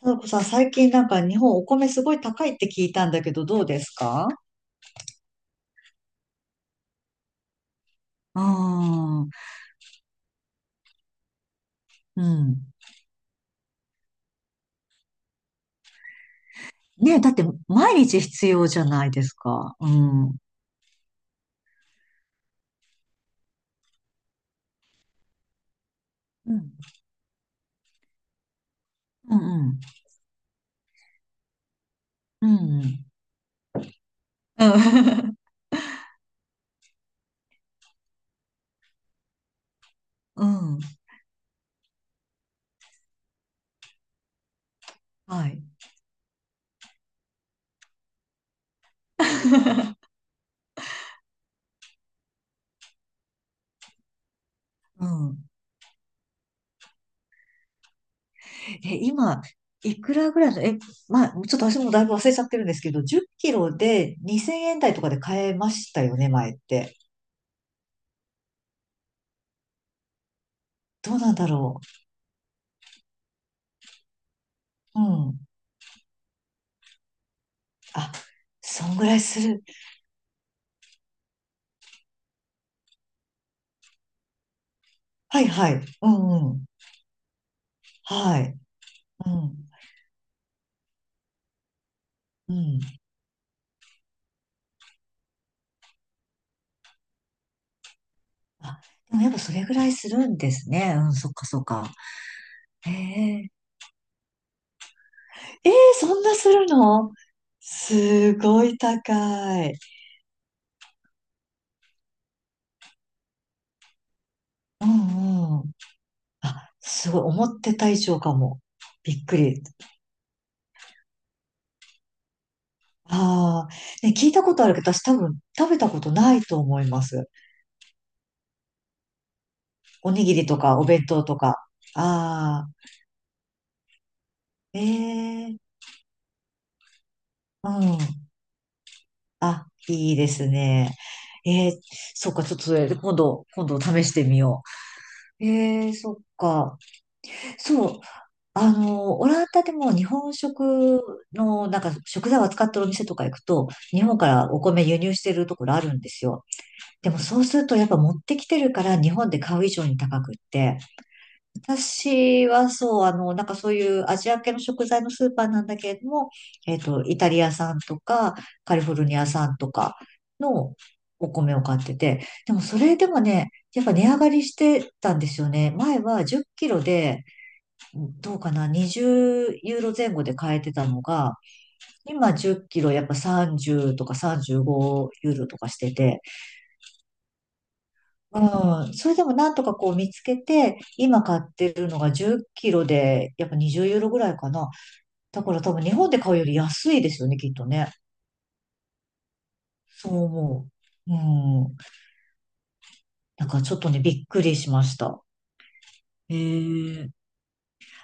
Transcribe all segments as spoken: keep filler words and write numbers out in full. ただこさん、最近なんか日本お米すごい高いって聞いたんだけど、どうですか？ああ、うん。ねえ、だって毎日必要じゃないですか。うん。うん。うん。うん。うん。うん。うん。うん。はい。うん。え、今、いくらぐらいの、え、まあ、ちょっと私もだいぶ忘れちゃってるんですけど、じゅっキロでにせんえん台とかで買えましたよね、前って。どうなんだろう。うん。あ、そんぐらいする。はいはい。うん。はい。うん。うん。あ、でもやっぱそれぐらいするんですね。うん、そっかそっか。えー、えー、そんなするの？すごい高い。うんうん。あ、すごい。思ってた以上かも。びっくり。ああ。ね、聞いたことあるけど、私多分食べたことないと思います。おにぎりとかお弁当とか。ああ。ええー。うん。あ、いいですね。えー、そっか、ちょっとそれ、今度、今度試してみよう。えー、そっか。そう、あの、オランダでも日本食の、なんか食材を扱ってるお店とか行くと、日本からお米輸入してるところあるんですよ。でもそうすると、やっぱ持ってきてるから日本で買う以上に高くって、私はそう、あの、なんかそういうアジア系の食材のスーパーなんだけれども、えっと、イタリア産とか、カリフォルニア産とかのお米を買ってて、でもそれでもね、やっぱ値上がりしてたんですよね。前はじゅっキロで、どうかな、にじゅうユーロ前後で買えてたのが、今じゅっキロやっぱさんじゅうとかさんじゅうごユーロとかしてて、うん。それでもなんとかこう見つけて、今買ってるのがじゅっキロで、やっぱにじゅうユーロぐらいかな。だから多分日本で買うより安いですよね、きっとね。そう思う。うん。なんかちょっとね、びっくりしました。へえ。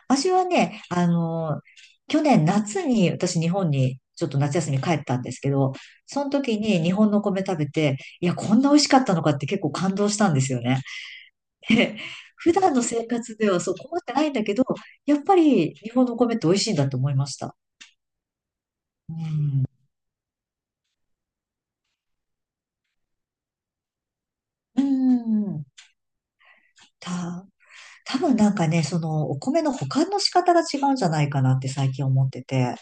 私はね、あの、去年夏に私日本にちょっと夏休み帰ったんですけど、その時に日本のお米食べて、いや、こんな美味しかったのかって結構感動したんですよね。で普段の生活ではそう困ってないんだけど、やっぱり日本のお米って美味しいんだと思いました。うん。うん。た、多分なんかね、そのお米の保管の仕方が違うんじゃないかなって最近思ってて、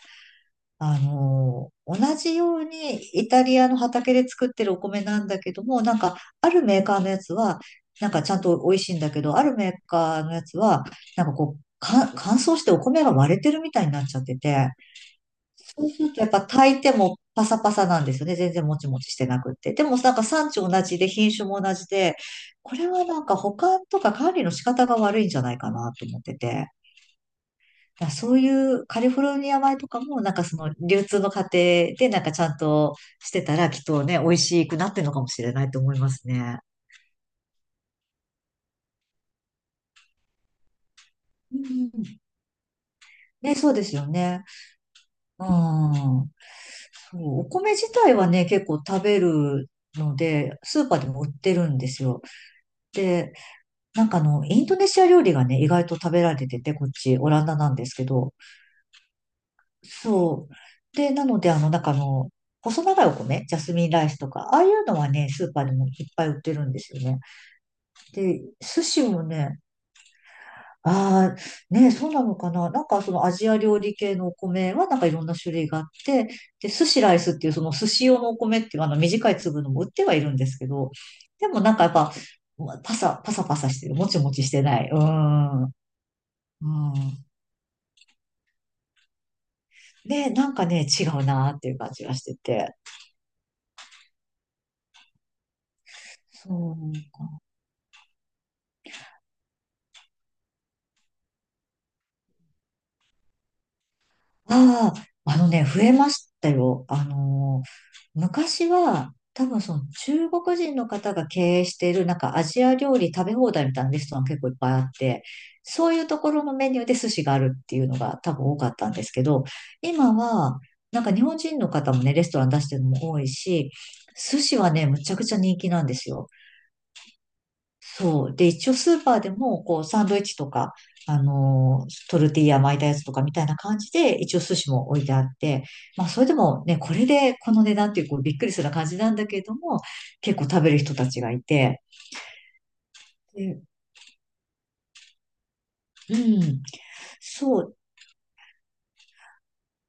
あの、同じようにイタリアの畑で作ってるお米なんだけども、なんかあるメーカーのやつは、なんかちゃんと美味しいんだけど、あるメーカーのやつは、なんかこう、か乾燥してお米が割れてるみたいになっちゃってて、そうするとやっぱ炊いてもパサパサなんですよね。全然もちもちしてなくって。でもなんか産地同じで品種も同じで、これはなんか保管とか管理の仕方が悪いんじゃないかなと思ってて。だからそういうカリフォルニア米とかもなんかその流通の過程でなんかちゃんとしてたらきっとね、美味しくなってるのかもしれないと思いますね。うんうん。ね、そうですよね。うん。そうお米自体はね、結構食べるので、スーパーでも売ってるんですよ。なんかあの、インドネシア料理がね、意外と食べられてて、こっち、オランダなんですけど。そう。で、なので、あの、なんかあの、細長いお米、ジャスミンライスとか、ああいうのはね、スーパーでもいっぱい売ってるんですよね。で、寿司もね、ああ、ね、そうなのかな。なんかそのアジア料理系のお米はなんかいろんな種類があって、で、寿司ライスっていうその寿司用のお米っていうあの短い粒のも売ってはいるんですけど、でもなんかやっぱ、パサ、パサパサしてる。もちもちしてない。うん。うん。ね、なんかね、違うなっていう感じがしてて。そう。ああ、あのね、増えましたよ。あのー昔は、多分その中国人の方が経営している、なんかアジア料理食べ放題みたいなレストラン結構いっぱいあって、そういうところのメニューで寿司があるっていうのが多分多かったんですけど、今は、なんか日本人の方もね、レストラン出してるのも多いし、寿司はね、むちゃくちゃ人気なんですよ。そう。で、一応スーパーでも、こう、サンドイッチとか、あのートルティーヤ巻いたやつとかみたいな感じで、一応寿司も置いてあって、まあ、それでもね、これでこの値段っていう、こう、びっくりする感じなんだけれども、結構食べる人たちがいて、で、うん、そう、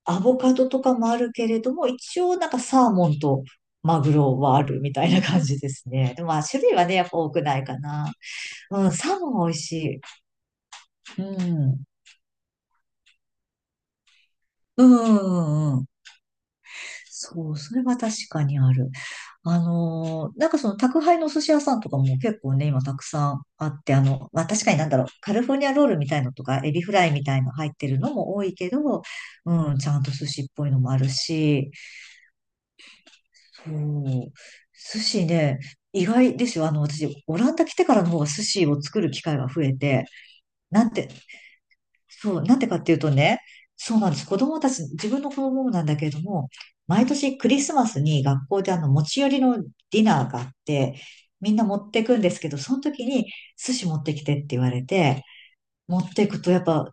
アボカドとかもあるけれども、一応なんかサーモンとマグロはあるみたいな感じですね。でまあ、種類はね、やっぱ多くないかな。うん、サーモンは美味しい。うん。うん、うん、うん。そう、それは確かにある。あのーなんかその宅配のお寿司屋さんとかも結構ね、今たくさんあって、あの、まあ確かになんだろう、カルフォルニアロールみたいのとか、エビフライみたいの入ってるのも多いけど、うん、ちゃんと寿司っぽいのもあるし、そう、寿司ね、意外ですよ。あの、私、オランダ来てからの方が寿司を作る機会が増えて、なんて、そう、なんでかっていうとね、そうなんです。子供たち、自分の子供もなんだけれども、毎年クリスマスに学校であの持ち寄りのディナーがあって、みんな持ってくんですけど、その時に寿司持ってきてって言われて、持ってくとやっぱ、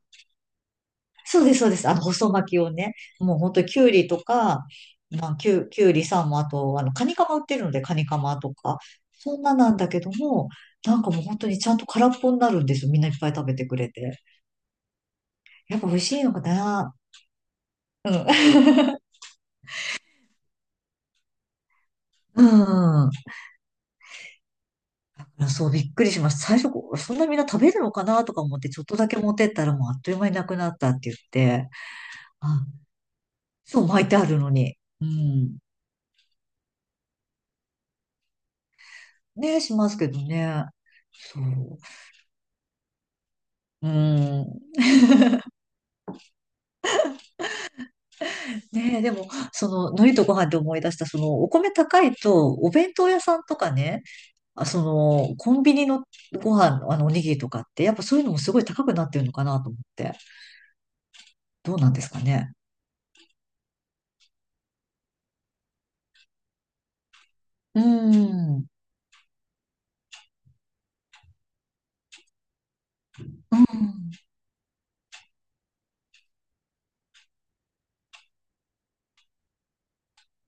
そうです、そうです。あの、細巻きをね、もう本当にきゅうりとか、まあ、きゅう、きゅうりさんも、あと、あの、カニカマ売ってるので、カニカマとか、そんななんだけども、なんかもう本当にちゃんと空っぽになるんですよ。みんないっぱい食べてくれて。やっぱ美味しいのかな。うん。うん。そう、びっくりしました。最初、こうそんなみんな食べるのかなとか思って、ちょっとだけ持ってったらもうあっという間になくなったって言って、あ、そう、巻いてあるのに。うん。ね、しますけどね。そう。うん。ねえ、でも、その、海苔とご飯で思い出した、その、お米高いと、お弁当屋さんとかね、あ、その、コンビニのご飯、あの、おにぎりとかって、やっぱそういうのもすごい高くなってるのかなと思って。どうなんですかね。うん。うん。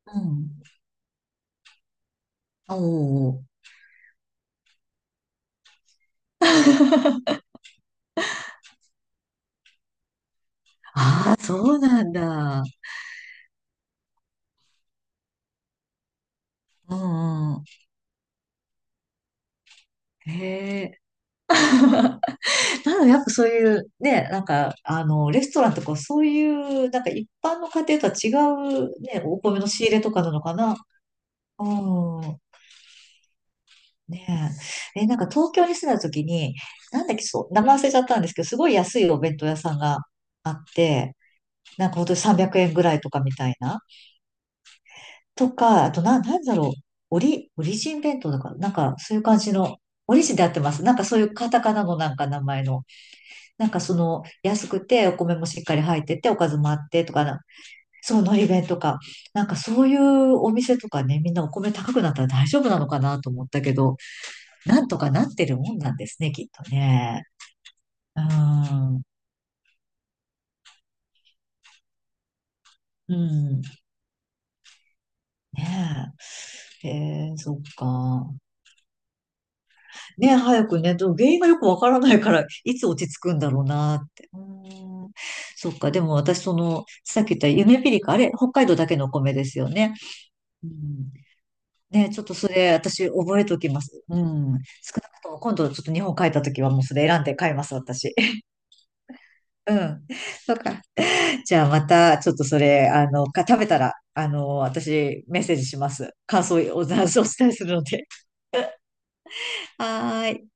うん。おお。ああ、そうなんだ。うんうん。へえ。なので、やっぱそういう、ね、なんか、あの、レストランとか、そういう、なんか一般の家庭とは違う、ね、お米の仕入れとかなのかな。うん。ねえ。え、なんか東京に住んだ時に、なんだっけ、そう、名前忘れちゃったんですけど、すごい安いお弁当屋さんがあって、なんか本当にさんびゃくえんぐらいとかみたいな。とか、あとな、なんだろう。オリ、オリジン弁当だから、なんかそういう感じの、オリジンでやってます。なんかそういうカタカナのなんか名前の、なんかその安くてお米もしっかり入ってて、おかずもあってとかな、そう、のり弁とか、なんかそういうお店とかね、みんなお米高くなったら大丈夫なのかなと思ったけど、なんとかなってるもんなんですね、きっとね。うん、うん、ねえ。えー、そっか。ね、早くね、でも原因がよくわからないから、いつ落ち着くんだろうなって。うーん。そっか、でも私、その、さっき言ったゆめぴりか、あれ、北海道だけのお米ですよね。うん。ね、ちょっとそれ、私、覚えときます。うん。少なくとも、今度、ちょっと日本帰った時は、もうそれ選んで買います、私。うん。そっか。じゃあ、また、ちょっとそれ、あの、か食べたら、あの、私、メッセージします。感想を、おお伝えするので。はーい。